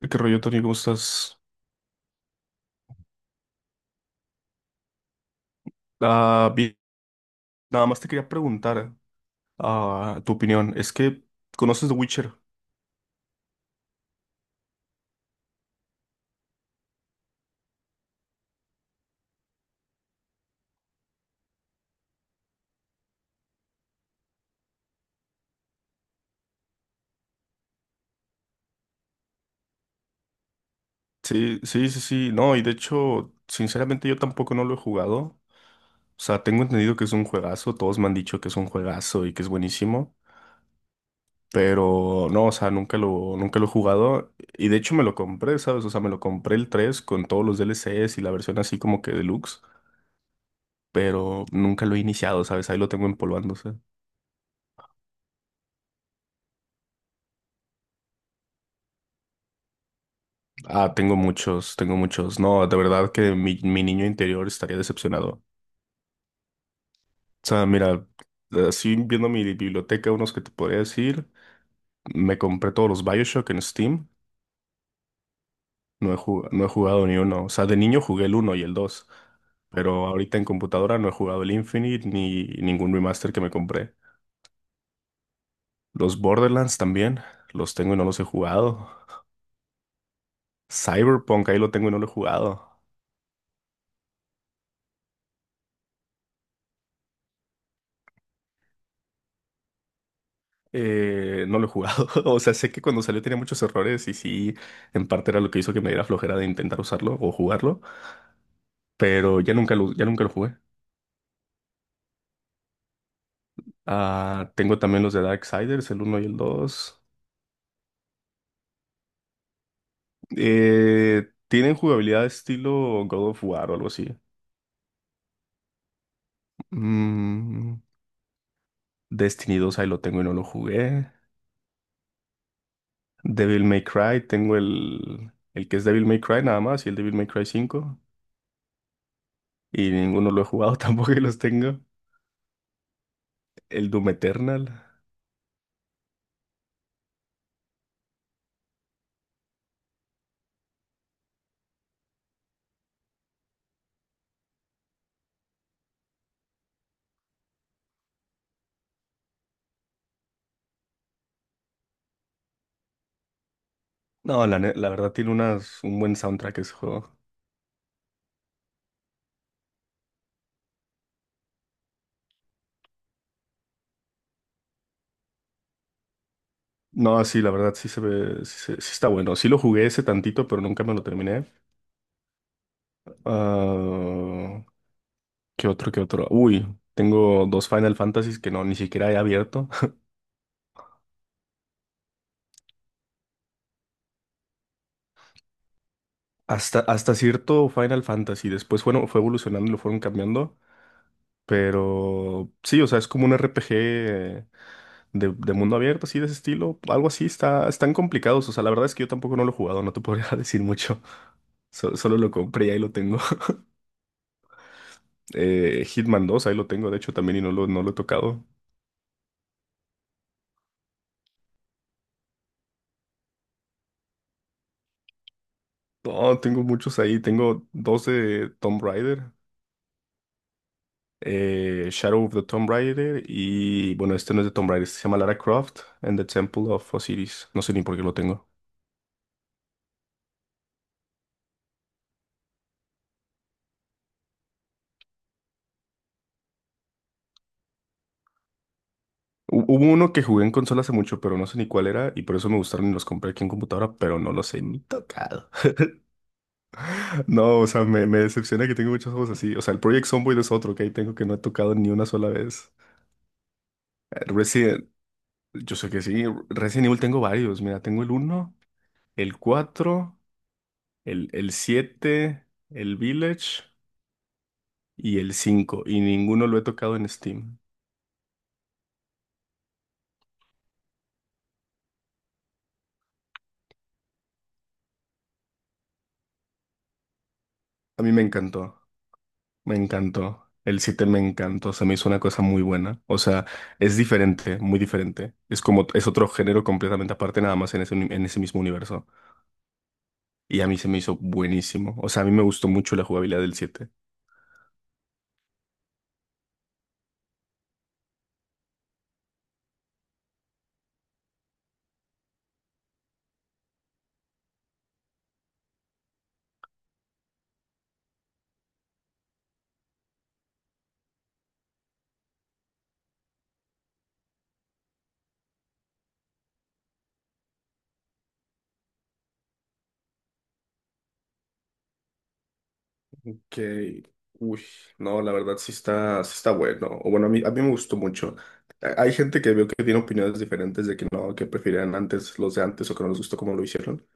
¿Qué rollo, Tony? ¿Cómo estás? Ah, bien. Nada más te quería preguntar tu opinión. Es que conoces The Witcher. Sí, sí, sí, sí. No, y de hecho, sinceramente yo tampoco no lo he jugado. O sea, tengo entendido que es un juegazo. Todos me han dicho que es un juegazo y que es buenísimo. Pero no, o sea, nunca lo he jugado. Y de hecho me lo compré, ¿sabes? O sea, me lo compré el 3 con todos los DLCs y la versión así como que deluxe. Pero nunca lo he iniciado, ¿sabes? Ahí lo tengo empolvándose. Ah, tengo muchos, tengo muchos. No, de verdad que mi niño interior estaría decepcionado. O sea, mira, así viendo mi biblioteca, unos que te podría decir, me compré todos los BioShock en Steam. No he jugado ni uno. O sea, de niño jugué el uno y el dos, pero ahorita en computadora no he jugado el Infinite ni ningún remaster que me compré. Los Borderlands también, los tengo y no los he jugado. Cyberpunk, ahí lo tengo y no lo he jugado. No lo he jugado. O sea, sé que cuando salió tenía muchos errores y sí, en parte era lo que hizo que me diera flojera de intentar usarlo o jugarlo, pero ya nunca lo jugué. Tengo también los de Darksiders, el uno y el dos. Tienen jugabilidad estilo God of War o algo así. Mm, Destiny 2 ahí lo tengo y no lo jugué. Devil May Cry, tengo el que es Devil May Cry nada más y el Devil May Cry cinco. Y ninguno lo he jugado, tampoco y los tengo. El Doom Eternal. No, la verdad tiene un buen soundtrack ese juego. No, sí, la verdad sí se ve, sí, sí está bueno. Sí lo jugué ese tantito, pero nunca me lo terminé. Ah, ¿Qué otro, qué otro? Uy, tengo dos Final Fantasies que no, ni siquiera he abierto. Hasta cierto Final Fantasy. Después, bueno, fue evolucionando y lo fueron cambiando. Pero sí, o sea, es como un RPG de mundo abierto, así de ese estilo. Algo así, están complicados. O sea, la verdad es que yo tampoco no lo he jugado, no te podría decir mucho. Solo lo compré y ahí lo tengo. Hitman 2, ahí lo tengo, de hecho también y no lo he tocado. No, tengo muchos ahí, tengo dos de Tomb Raider, Shadow of the Tomb Raider y bueno, este no es de Tomb Raider, este se llama Lara Croft and the Temple of Osiris, no sé ni por qué lo tengo. Hubo uno que jugué en consola hace mucho, pero no sé ni cuál era y por eso me gustaron y los compré aquí en computadora, pero no los he ni tocado. No, o sea, me decepciona que tengo muchos juegos así. O sea, el Project Zomboid es otro que ahí tengo que no he tocado ni una sola vez. Resident, Yo sé que sí, Resident Evil tengo varios. Mira, tengo el uno, el cuatro, el siete, el Village y el cinco. Y ninguno lo he tocado en Steam. A mí me encantó, me encantó. El 7 me encantó, se me hizo una cosa muy buena. O sea, es diferente, muy diferente. Es como, es otro género completamente aparte, nada más en ese, en ese mismo universo. Y a mí se me hizo buenísimo. O sea, a mí me gustó mucho la jugabilidad del siete. Que, uy, no, la verdad sí está bueno. O bueno, a mí me gustó mucho. Hay gente que veo que tiene opiniones diferentes de que no, que preferían antes los de antes o que no les gustó como lo hicieron.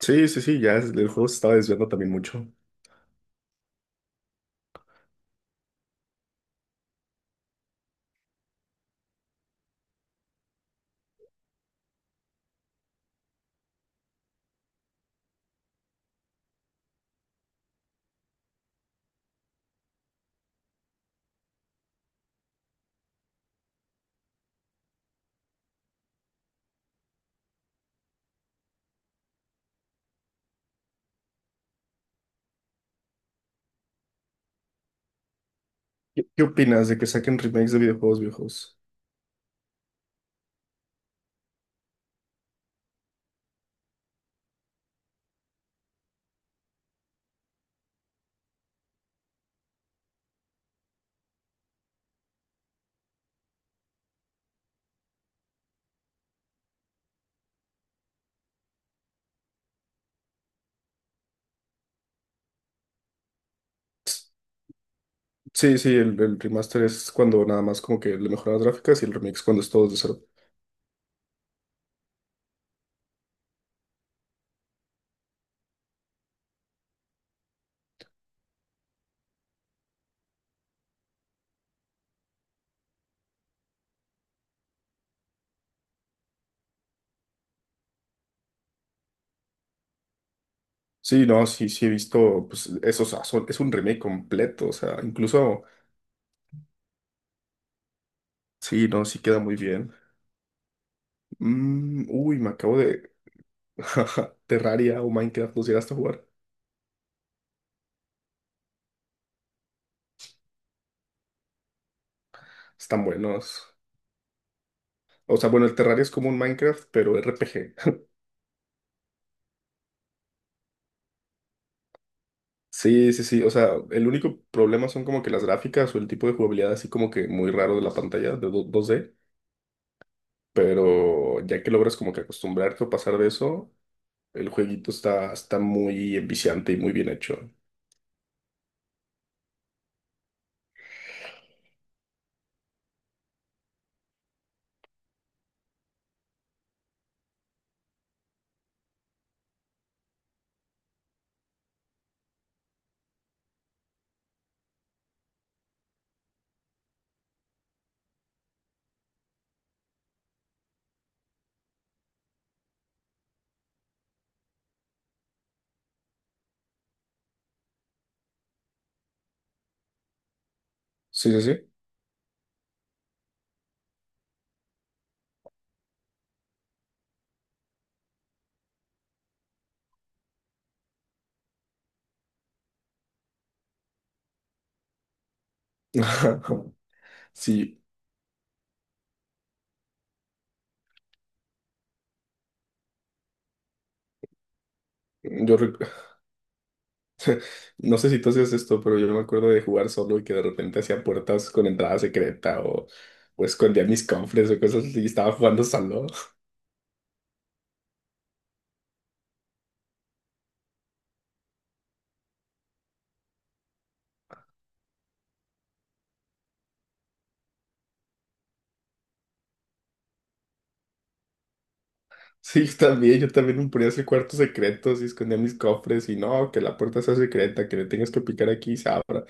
Sí, sí, sí, ya el juego se estaba desviando también mucho. ¿Qué opinas de que saquen remakes de videojuegos viejos? Sí, sí, el remaster es cuando nada más como que le mejoran las gráficas y el remix cuando es todo de cero. Sí, no, sí, sí he visto, pues eso, o sea, es un remake completo, o sea, incluso, sí, no, sí queda muy bien. Uy, me acabo de. Terraria o Minecraft, ¿los llegaste a jugar? Están buenos. O sea, bueno, el Terraria es como un Minecraft, pero RPG. Sí, sí, sí, o sea, el único problema son como que las gráficas o el tipo de jugabilidad así como que muy raro de la pantalla, 2D, pero ya que logras como que acostumbrarte o pasar de eso, el jueguito está muy enviciante y muy bien hecho. Sí, sí, sí. Sí, yo rec- no sé si tú hacías esto, pero yo me acuerdo de jugar solo y que de repente hacía puertas con entrada secreta o, escondía mis cofres o cosas así y estaba jugando solo. Sí, yo también me ponía a hacer cuartos secretos y escondía mis cofres y no, que la puerta sea secreta, que le tengas que picar aquí y se abra.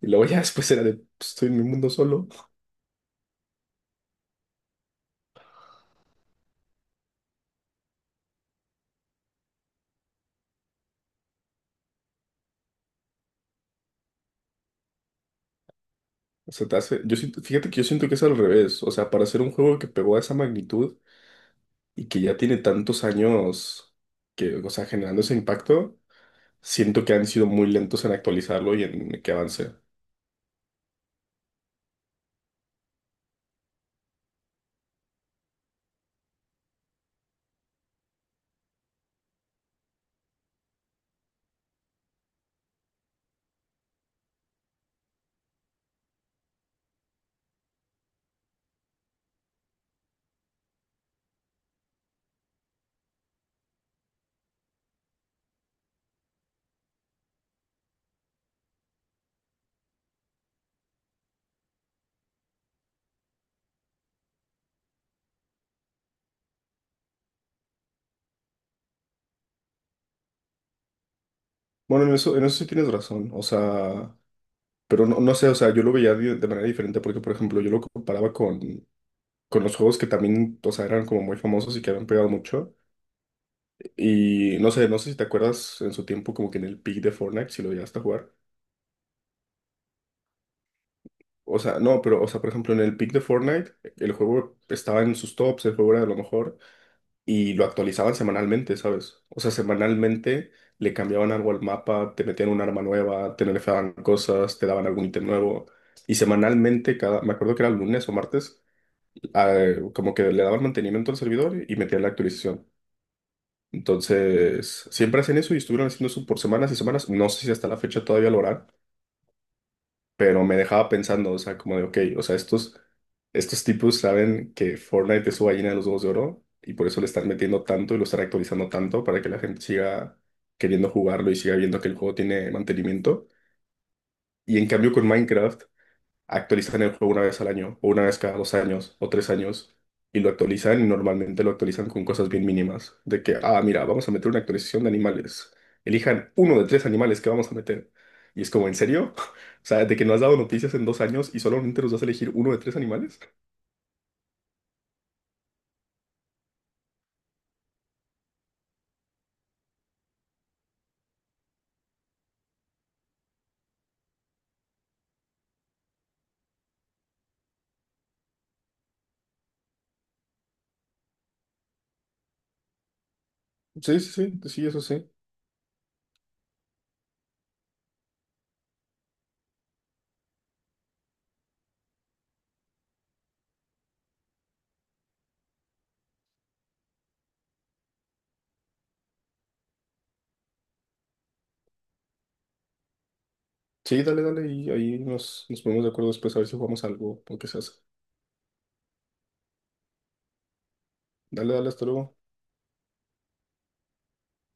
Y luego ya después era de, "Pues, estoy en mi mundo solo. O sea, te hace- yo siento- fíjate que yo siento que es al revés. O sea, para hacer un juego que pegó a esa magnitud, y que ya tiene tantos años que, o sea, generando ese impacto, siento que han sido muy lentos en actualizarlo y en que avance. Bueno, en eso sí tienes razón, o sea, pero no, no sé, o sea, yo lo veía de manera diferente porque, por ejemplo, yo lo comparaba con los juegos que también, o sea, eran como muy famosos y que habían pegado mucho. Y no sé si te acuerdas en su tiempo como que en el peak de Fortnite, si lo llegaste a jugar. O sea, no, pero, o sea, por ejemplo, en el peak de Fortnite, el juego estaba en sus tops, el juego era de lo mejor, y lo actualizaban semanalmente, ¿sabes? O sea, semanalmente le cambiaban algo al mapa, te metían un arma nueva, te nerfeaban cosas, te daban algún ítem nuevo. Y semanalmente, cada, me acuerdo que era lunes o martes, como que le daban mantenimiento al servidor y metían la actualización. Entonces, siempre hacen eso y estuvieron haciendo eso por semanas y semanas. No sé si hasta la fecha todavía lo harán, pero me dejaba pensando, o sea, como de, ok, o sea, estos, tipos saben que Fortnite es su gallina de los huevos de oro y por eso le están metiendo tanto y lo están actualizando tanto para que la gente siga queriendo jugarlo y siga viendo que el juego tiene mantenimiento. Y en cambio con Minecraft actualizan el juego una vez al año, o una vez cada 2 años, o 3 años, y lo actualizan y normalmente lo actualizan con cosas bien mínimas, de que, ah, mira, vamos a meter una actualización de animales, elijan uno de tres animales que vamos a meter. Y es como, ¿en serio? O sea, de que no has dado noticias en 2 años y solamente nos vas a elegir uno de tres animales. Sí, sí, sí, sí, eso sí. Sí, dale, dale, y ahí nos ponemos de acuerdo después a ver si jugamos algo o qué se hace. Dale, dale, hasta luego.